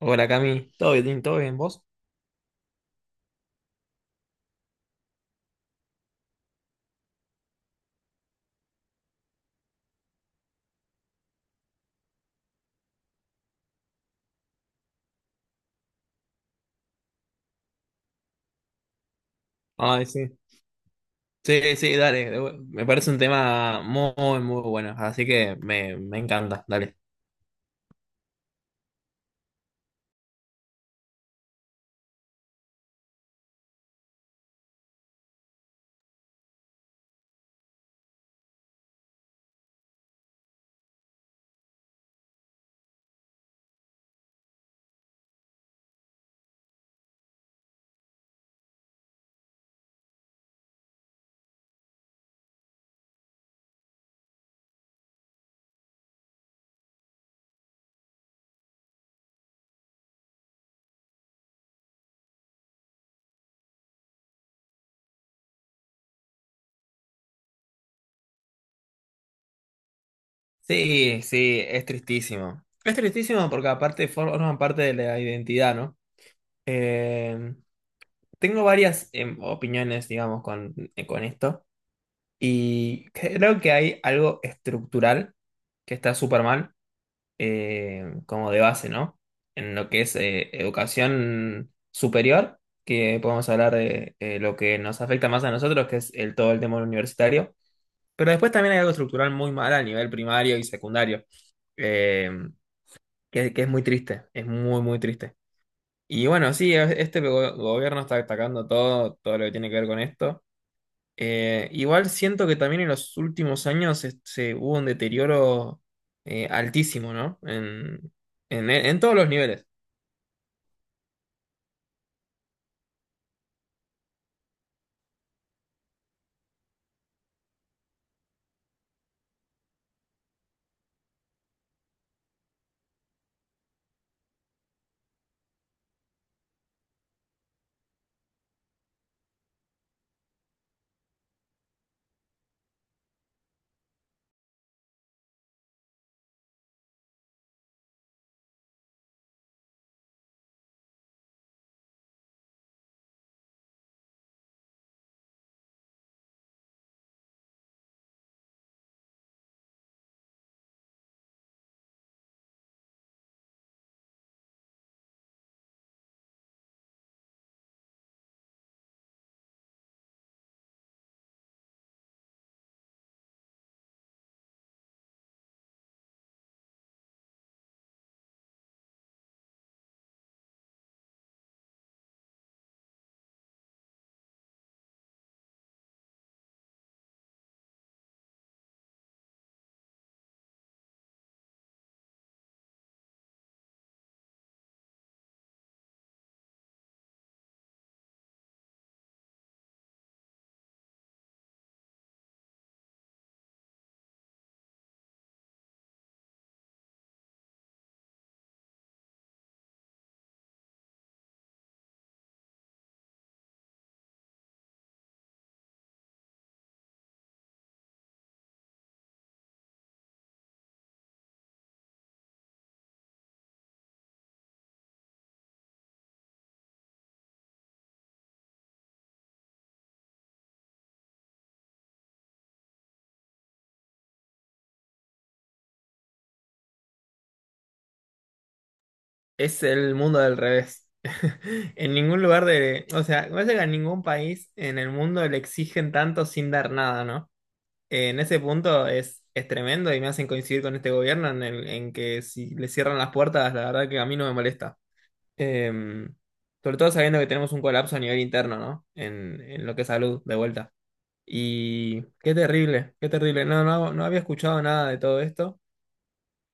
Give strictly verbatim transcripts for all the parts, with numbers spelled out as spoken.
Hola Cami, ¿todo bien? ¿Todo bien vos? Ay, sí. Sí, sí, dale. de bu- Me parece un tema muy, muy bueno, así que me, me encanta, dale. Sí, sí, es tristísimo. Es tristísimo porque aparte forman parte de la identidad, ¿no? Eh, Tengo varias em, opiniones, digamos, con, eh, con esto y creo que hay algo estructural que está súper mal. Eh, como de base, ¿no? En lo que es eh, educación superior, que podemos hablar de eh, lo que nos afecta más a nosotros, que es el, todo el tema universitario. Pero después también hay algo estructural muy mal a nivel primario y secundario, eh, que, que es muy triste, es muy, muy triste. Y bueno, sí, es- este go- gobierno está atacando todo, todo lo que tiene que ver con esto. Eh, igual siento que también en los últimos años es- se hubo un deterioro eh, altísimo, ¿no? En, en, en todos los niveles. Es el mundo del revés. En ningún lugar de. O sea, me parece que a ningún país en el mundo le exigen tanto sin dar nada, ¿no? Eh, en ese punto es, es tremendo y me hacen coincidir con este gobierno en, el, en que si le cierran las puertas, la verdad que a mí no me molesta. Em, Sobre todo sabiendo que tenemos un colapso a nivel interno, ¿no? En, en lo que es salud, de vuelta. Y qué terrible, qué terrible. No, no, no había escuchado nada de todo esto.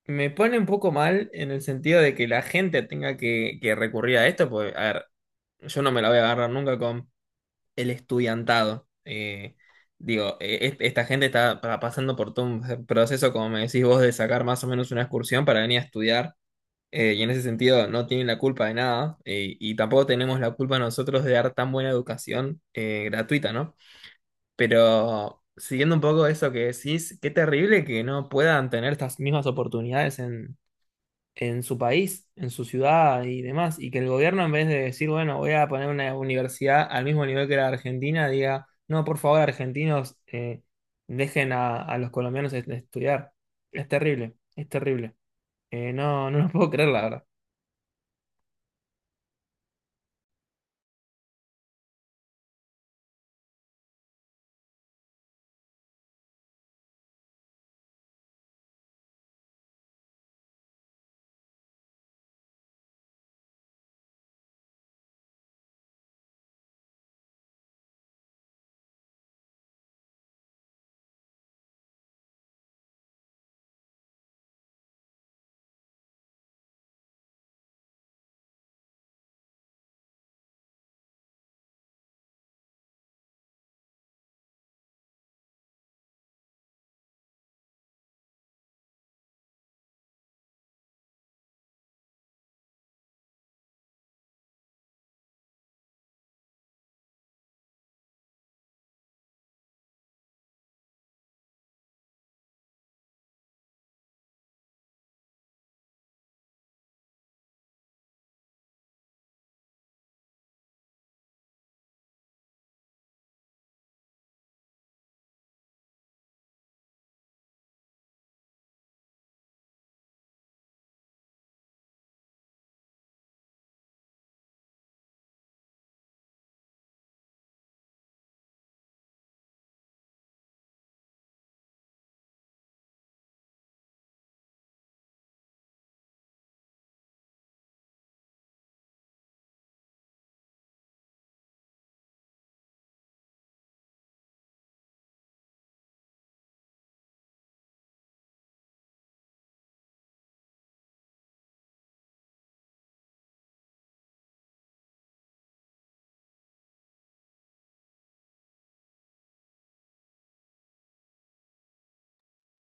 Me pone un poco mal en el sentido de que la gente tenga que, que recurrir a esto, porque, a ver, yo no me la voy a agarrar nunca con el estudiantado. Eh, digo, eh, es- esta gente está pa- pasando por todo un proceso, como me decís vos, de sacar más o menos una excursión para venir a estudiar. Eh, y en ese sentido no tienen la culpa de nada, eh, y tampoco tenemos la culpa nosotros de dar tan buena educación eh, gratuita, ¿no? Pero siguiendo un poco eso que decís, qué terrible que no puedan tener estas mismas oportunidades en, en su país, en su ciudad y demás, y que el gobierno en vez de decir, bueno, voy a poner una universidad al mismo nivel que la Argentina, diga, no, por favor, argentinos, eh, dejen a, a los colombianos est- estudiar. Es terrible, es terrible. Eh, no, no lo puedo creer, la verdad.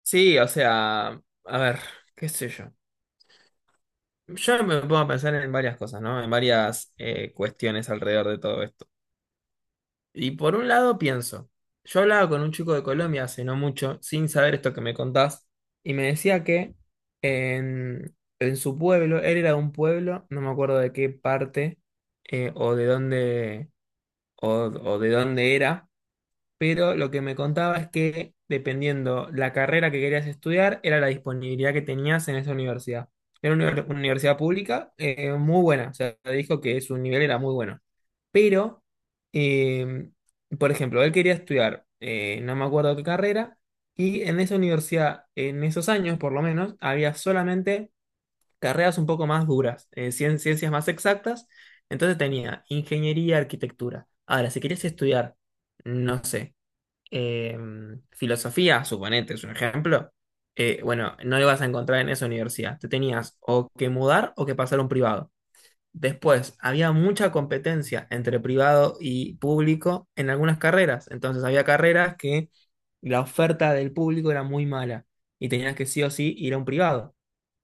Sí, o sea, a ver, qué sé yo. Yo me pongo a pensar en varias cosas, ¿no? En varias eh, cuestiones alrededor de todo esto. Y por un lado pienso, yo hablaba con un chico de Colombia hace no mucho, sin saber esto que me contás, y me decía que en, en su pueblo, él era de un pueblo, no me acuerdo de qué parte eh, o de dónde o, o de dónde era, pero lo que me contaba es que dependiendo la carrera que querías estudiar, era la disponibilidad que tenías en esa universidad. Era una uni- una universidad pública eh, muy buena, o sea, dijo que su nivel era muy bueno. Pero, eh, por ejemplo, él quería estudiar, eh, no me acuerdo qué carrera, y en esa universidad, en esos años por lo menos, había solamente carreras un poco más duras, eh, cien- ciencias más exactas, entonces tenía ingeniería, arquitectura. Ahora, si querías estudiar, no sé eh, filosofía, suponete, es un ejemplo, eh, bueno, no lo ibas a encontrar en esa universidad. Te tenías o que mudar o que pasar a un privado. Después, había mucha competencia entre privado y público en algunas carreras. Entonces, había carreras que la oferta del público era muy mala y tenías que sí o sí ir a un privado.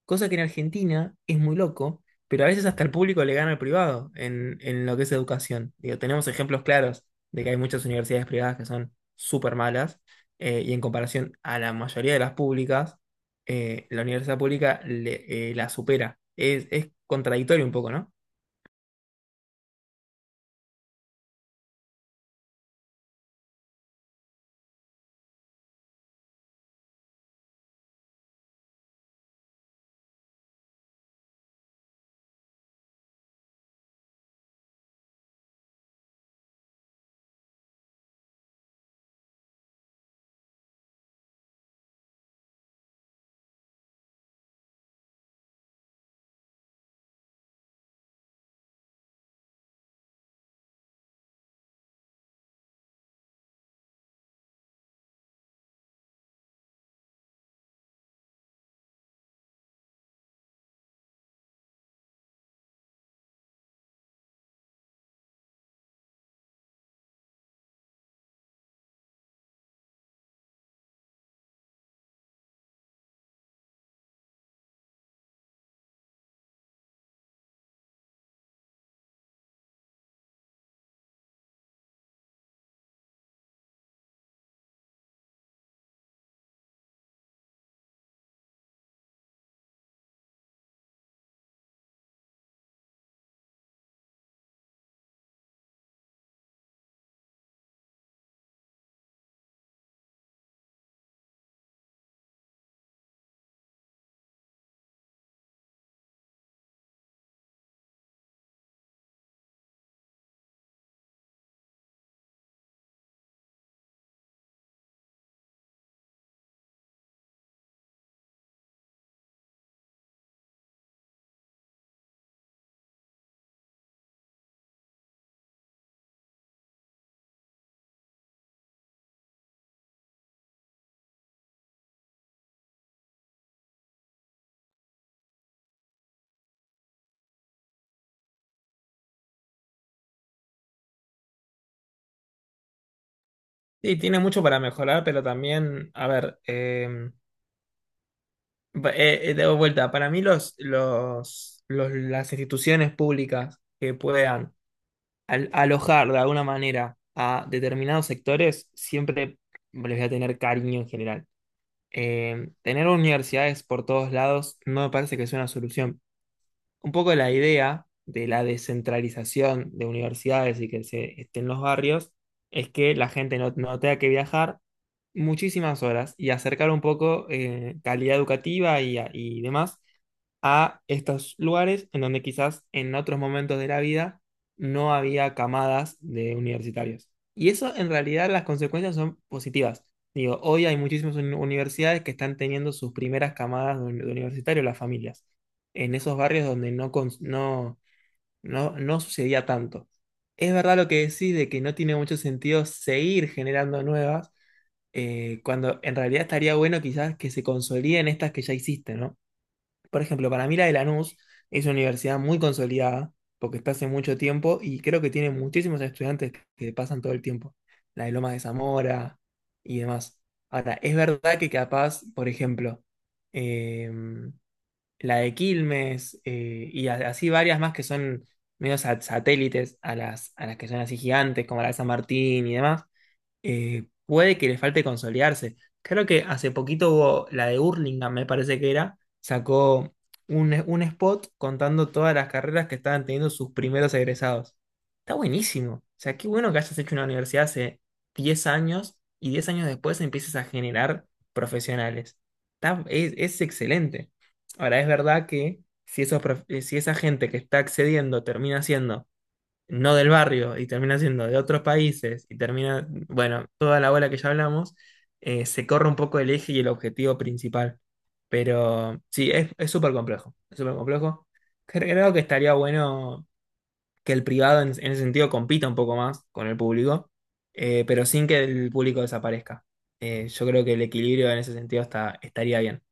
Cosa que en Argentina es muy loco, pero a veces hasta el público le gana al privado en, en lo que es educación. Digo, tenemos ejemplos claros de que hay muchas universidades privadas que son súper malas eh, y en comparación a la mayoría de las públicas, eh, la universidad pública le- eh, la supera. Es, es contradictorio un poco, ¿no? Sí, tiene mucho para mejorar, pero también, a ver, eh, va- eh, eh, de vuelta, para mí los, los, los, las instituciones públicas que puedan al alojar de alguna manera a determinados sectores, siempre les voy a tener cariño en general. Eh, tener universidades por todos lados no me parece que sea una solución. Un poco la idea de la descentralización de universidades y que se esté en los barrios es que la gente no, no tenga que viajar muchísimas horas y acercar un poco eh, calidad educativa y, a- y demás a estos lugares en donde quizás en otros momentos de la vida no había camadas de universitarios. Y eso en realidad las consecuencias son positivas. Digo, hoy hay muchísimas uni- universidades que están teniendo sus primeras camadas de, uni- de universitarios, las familias en esos barrios donde no, cons- no, no, no sucedía tanto. Es verdad lo que decís de que no tiene mucho sentido seguir generando nuevas, eh, cuando en realidad estaría bueno quizás que se consoliden estas que ya hiciste, ¿no? Por ejemplo, para mí la de Lanús es una universidad muy consolidada, porque está hace mucho tiempo y creo que tiene muchísimos estudiantes que pasan todo el tiempo. La de Lomas de Zamora y demás. Ahora, es verdad que capaz, por ejemplo, em, la de Quilmes, eh, y a- así varias más que son medio sat- satélites a las, a las que son así gigantes, como la de San Martín y demás eh, puede que le falte consolidarse. Creo que hace poquito hubo la de Hurlingham, me parece que era, sacó un, un spot contando todas las carreras que estaban teniendo sus primeros egresados. Está buenísimo. O sea, qué bueno que hayas hecho una universidad hace diez años y diez años después empieces a generar profesionales. Está- es, es excelente. Ahora, es verdad que si, esos prof- eh, si esa gente que está accediendo termina siendo no del barrio y termina siendo de otros países y termina, bueno, toda la bola que ya hablamos, eh, se corre un poco el eje y el objetivo principal. Pero sí, es, es súper complejo, es súper complejo. Cre- Creo que estaría bueno que el privado en, en ese sentido compita un poco más con el público, eh, pero sin que el público desaparezca. Eh, yo creo que el equilibrio en ese sentido está, estaría bien.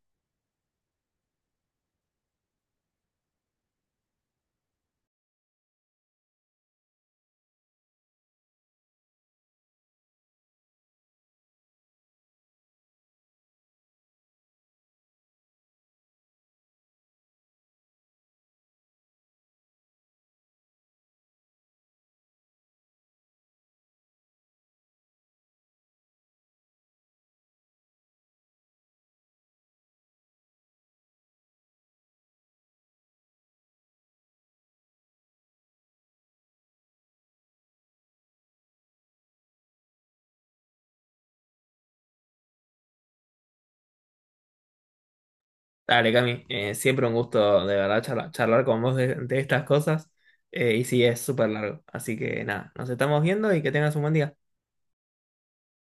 Dale, Cami, eh, siempre un gusto de verdad charla- charlar, con vos de, de estas cosas. Eh, y sí, es súper largo. Así que nada, nos estamos viendo y que tengas un buen día.